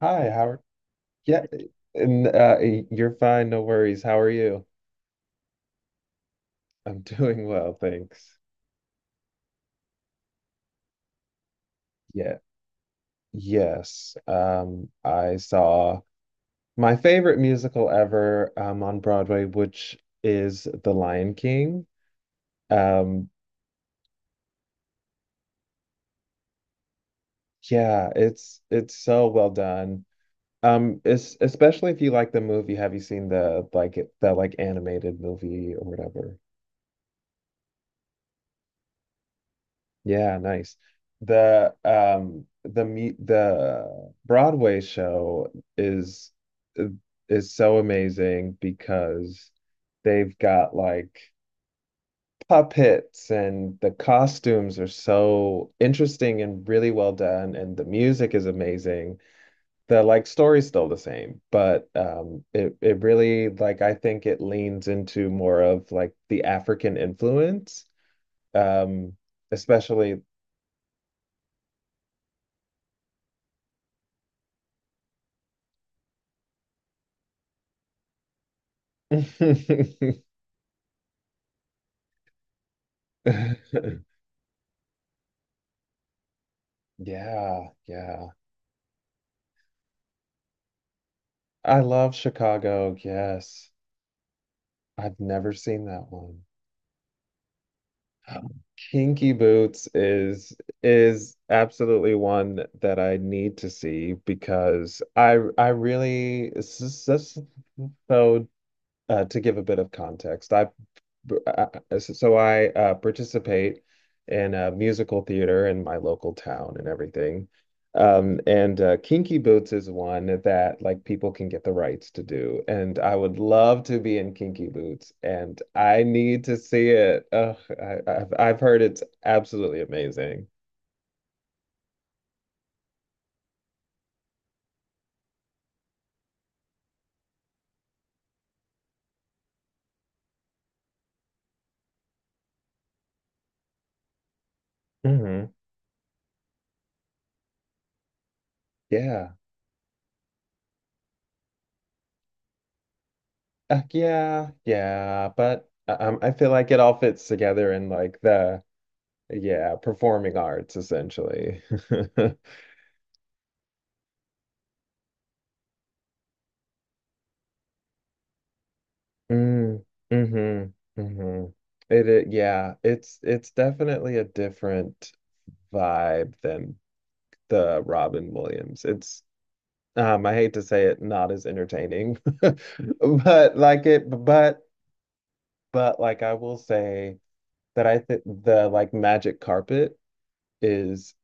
Hi, Howard. Yeah, and You're fine, no worries. How are you? I'm doing well, thanks. Yeah, yes. I saw my favorite musical ever on Broadway, which is The Lion King. Um, yeah, it's so well done. It's especially if you like the movie. Have you seen the like animated movie or whatever? Yeah, nice. The me the Broadway show is is so amazing because they've got like puppets and the costumes are so interesting and really well done and the music is amazing. The like story's still the same, but it really like I think it leans into more of like the African influence. Um especially Yeah, yeah. I love Chicago. Yes. I've never seen that one. Kinky Boots is absolutely one that I need to see because I really so to give a bit of context, I I participate in musical theater in my local town and everything. And Kinky Boots is one that like people can get the rights to do. And I would love to be in Kinky Boots, and I need to see it. Ugh, I've I've heard it's absolutely amazing. Hmm. Yeah. Yeah, yeah, but I feel like it all fits together in like the, yeah, performing arts essentially. Mm, mm-hmm, mm-hmm. Yeah, it's definitely a different vibe than the Robin Williams. It's I hate to say it, not as entertaining, but like it, but like I will say that I think the like Magic Carpet is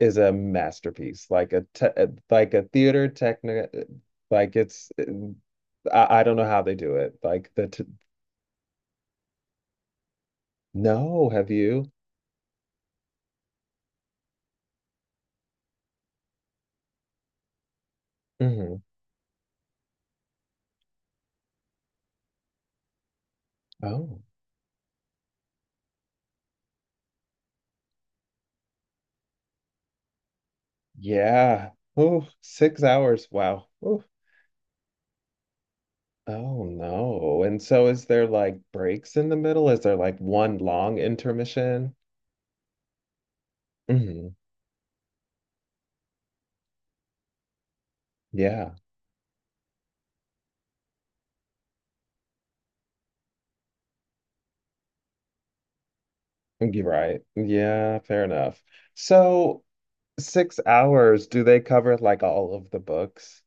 is a masterpiece, like a theater technic, like it's I don't know how they do it, like the t no, have you? Hmm. Oh. Yeah. Oh, 6 hours. Wow. Oof. Oh no. And so is there like breaks in the middle? Is there like one long intermission? Hmm. Yeah. You're right. Yeah, fair enough. So 6 hours, do they cover like all of the books?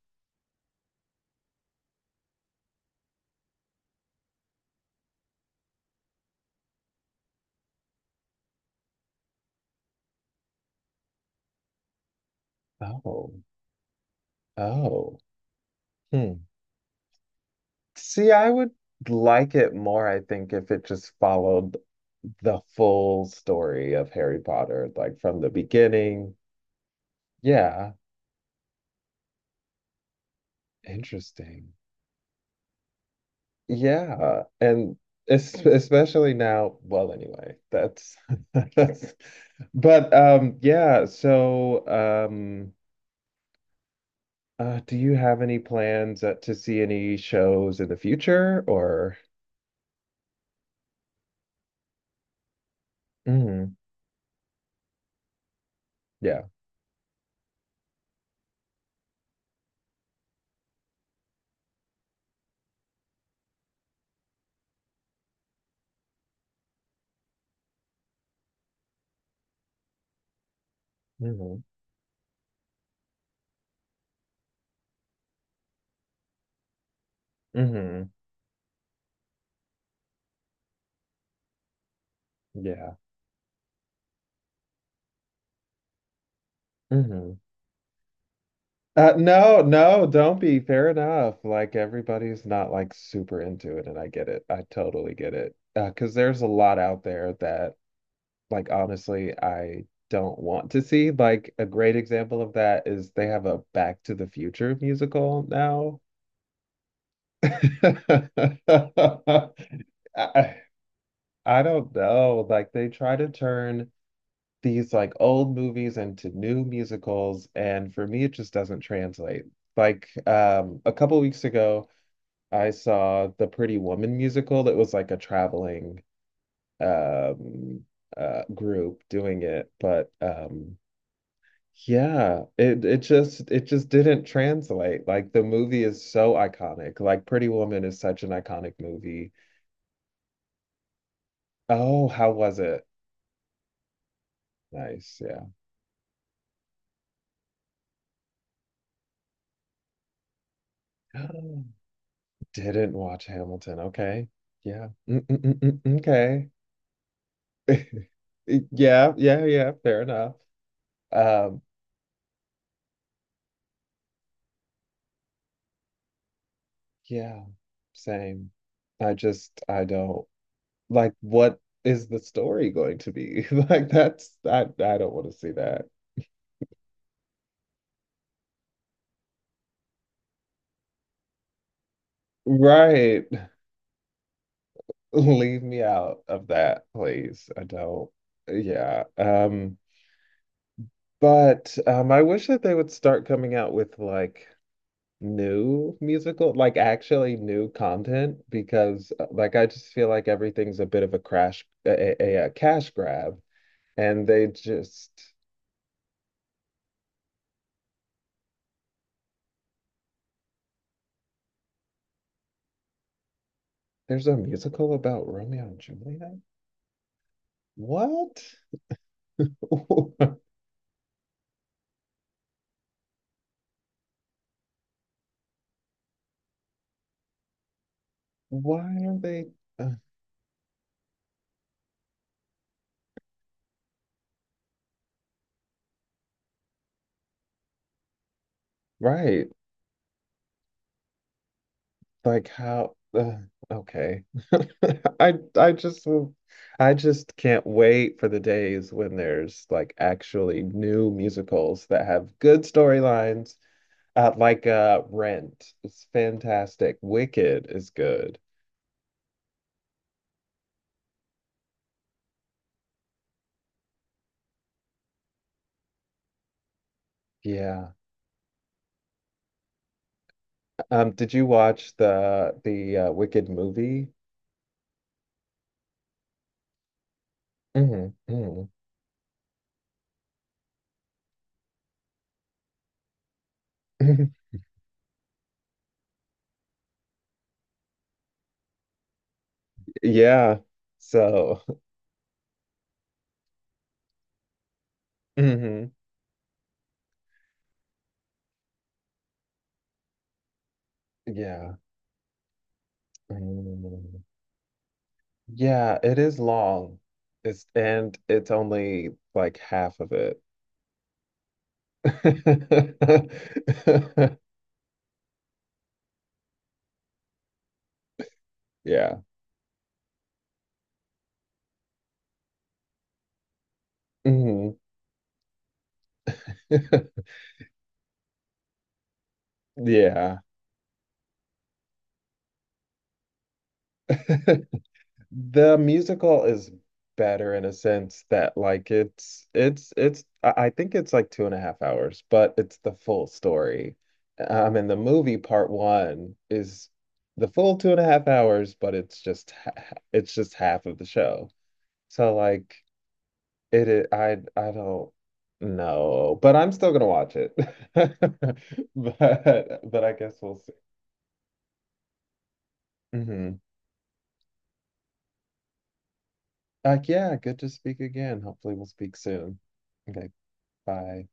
Oh. Oh. Hmm. See, I would like it more, I think, if it just followed the full story of Harry Potter, like from the beginning. Yeah. Interesting. Yeah, and es especially now, well, anyway, that's that's but yeah, so um do you have any plans to see any shows in the future or mhm, yeah. Mhm. Mhm. Yeah. Mhm. No, no, don't be. Fair enough. Like everybody's not like super into it and I get it. I totally get it. 'Cause there's a lot out there that like honestly, I don't want to see. Like a great example of that is they have a Back to the Future musical now. I, I don't know. Like they try to turn these like old movies into new musicals, and for me, it just doesn't translate. Like a couple weeks ago, I saw the Pretty Woman musical that was like a traveling um, group doing it, but yeah, it just it just didn't translate. Like the movie is so iconic. Like Pretty Woman is such an iconic movie. Oh, how was it? Nice, yeah. Didn't watch Hamilton. Okay. Yeah. Okay. Yeah, yeah, yeah, fair enough. Um, yeah, same. I just I don't like what is the story going to be? Like that's I don't want to see that. Right. Leave me out of that, please. I don't. Yeah. But I wish that they would start coming out with like new musical, like actually new content, because like I just feel like everything's a bit of a a cash grab, and they just there's a musical about Romeo and Juliet. What? Why are they? Uh, right. Like how? Okay. I I just will- I just can't wait for the days when there's like actually new musicals that have good storylines. Rent is fantastic. Wicked is good. Yeah. Did you watch the Wicked movie? Hmm. Hmm. Yeah. So. Hmm. Yeah. Mm. Yeah, it is long. It's and it's only like half of it. Yeah. Hmm. Yeah. The musical is better in a sense that like it's I think it's like 2.5 hours, but it's the full story. And the movie part one is the full 2.5 hours, but it's just half of the show. So like it is, I don't know, but I'm still gonna watch it. But I guess we'll see. Hmm. Like, yeah, good to speak again. Hopefully we'll speak soon. Okay, bye.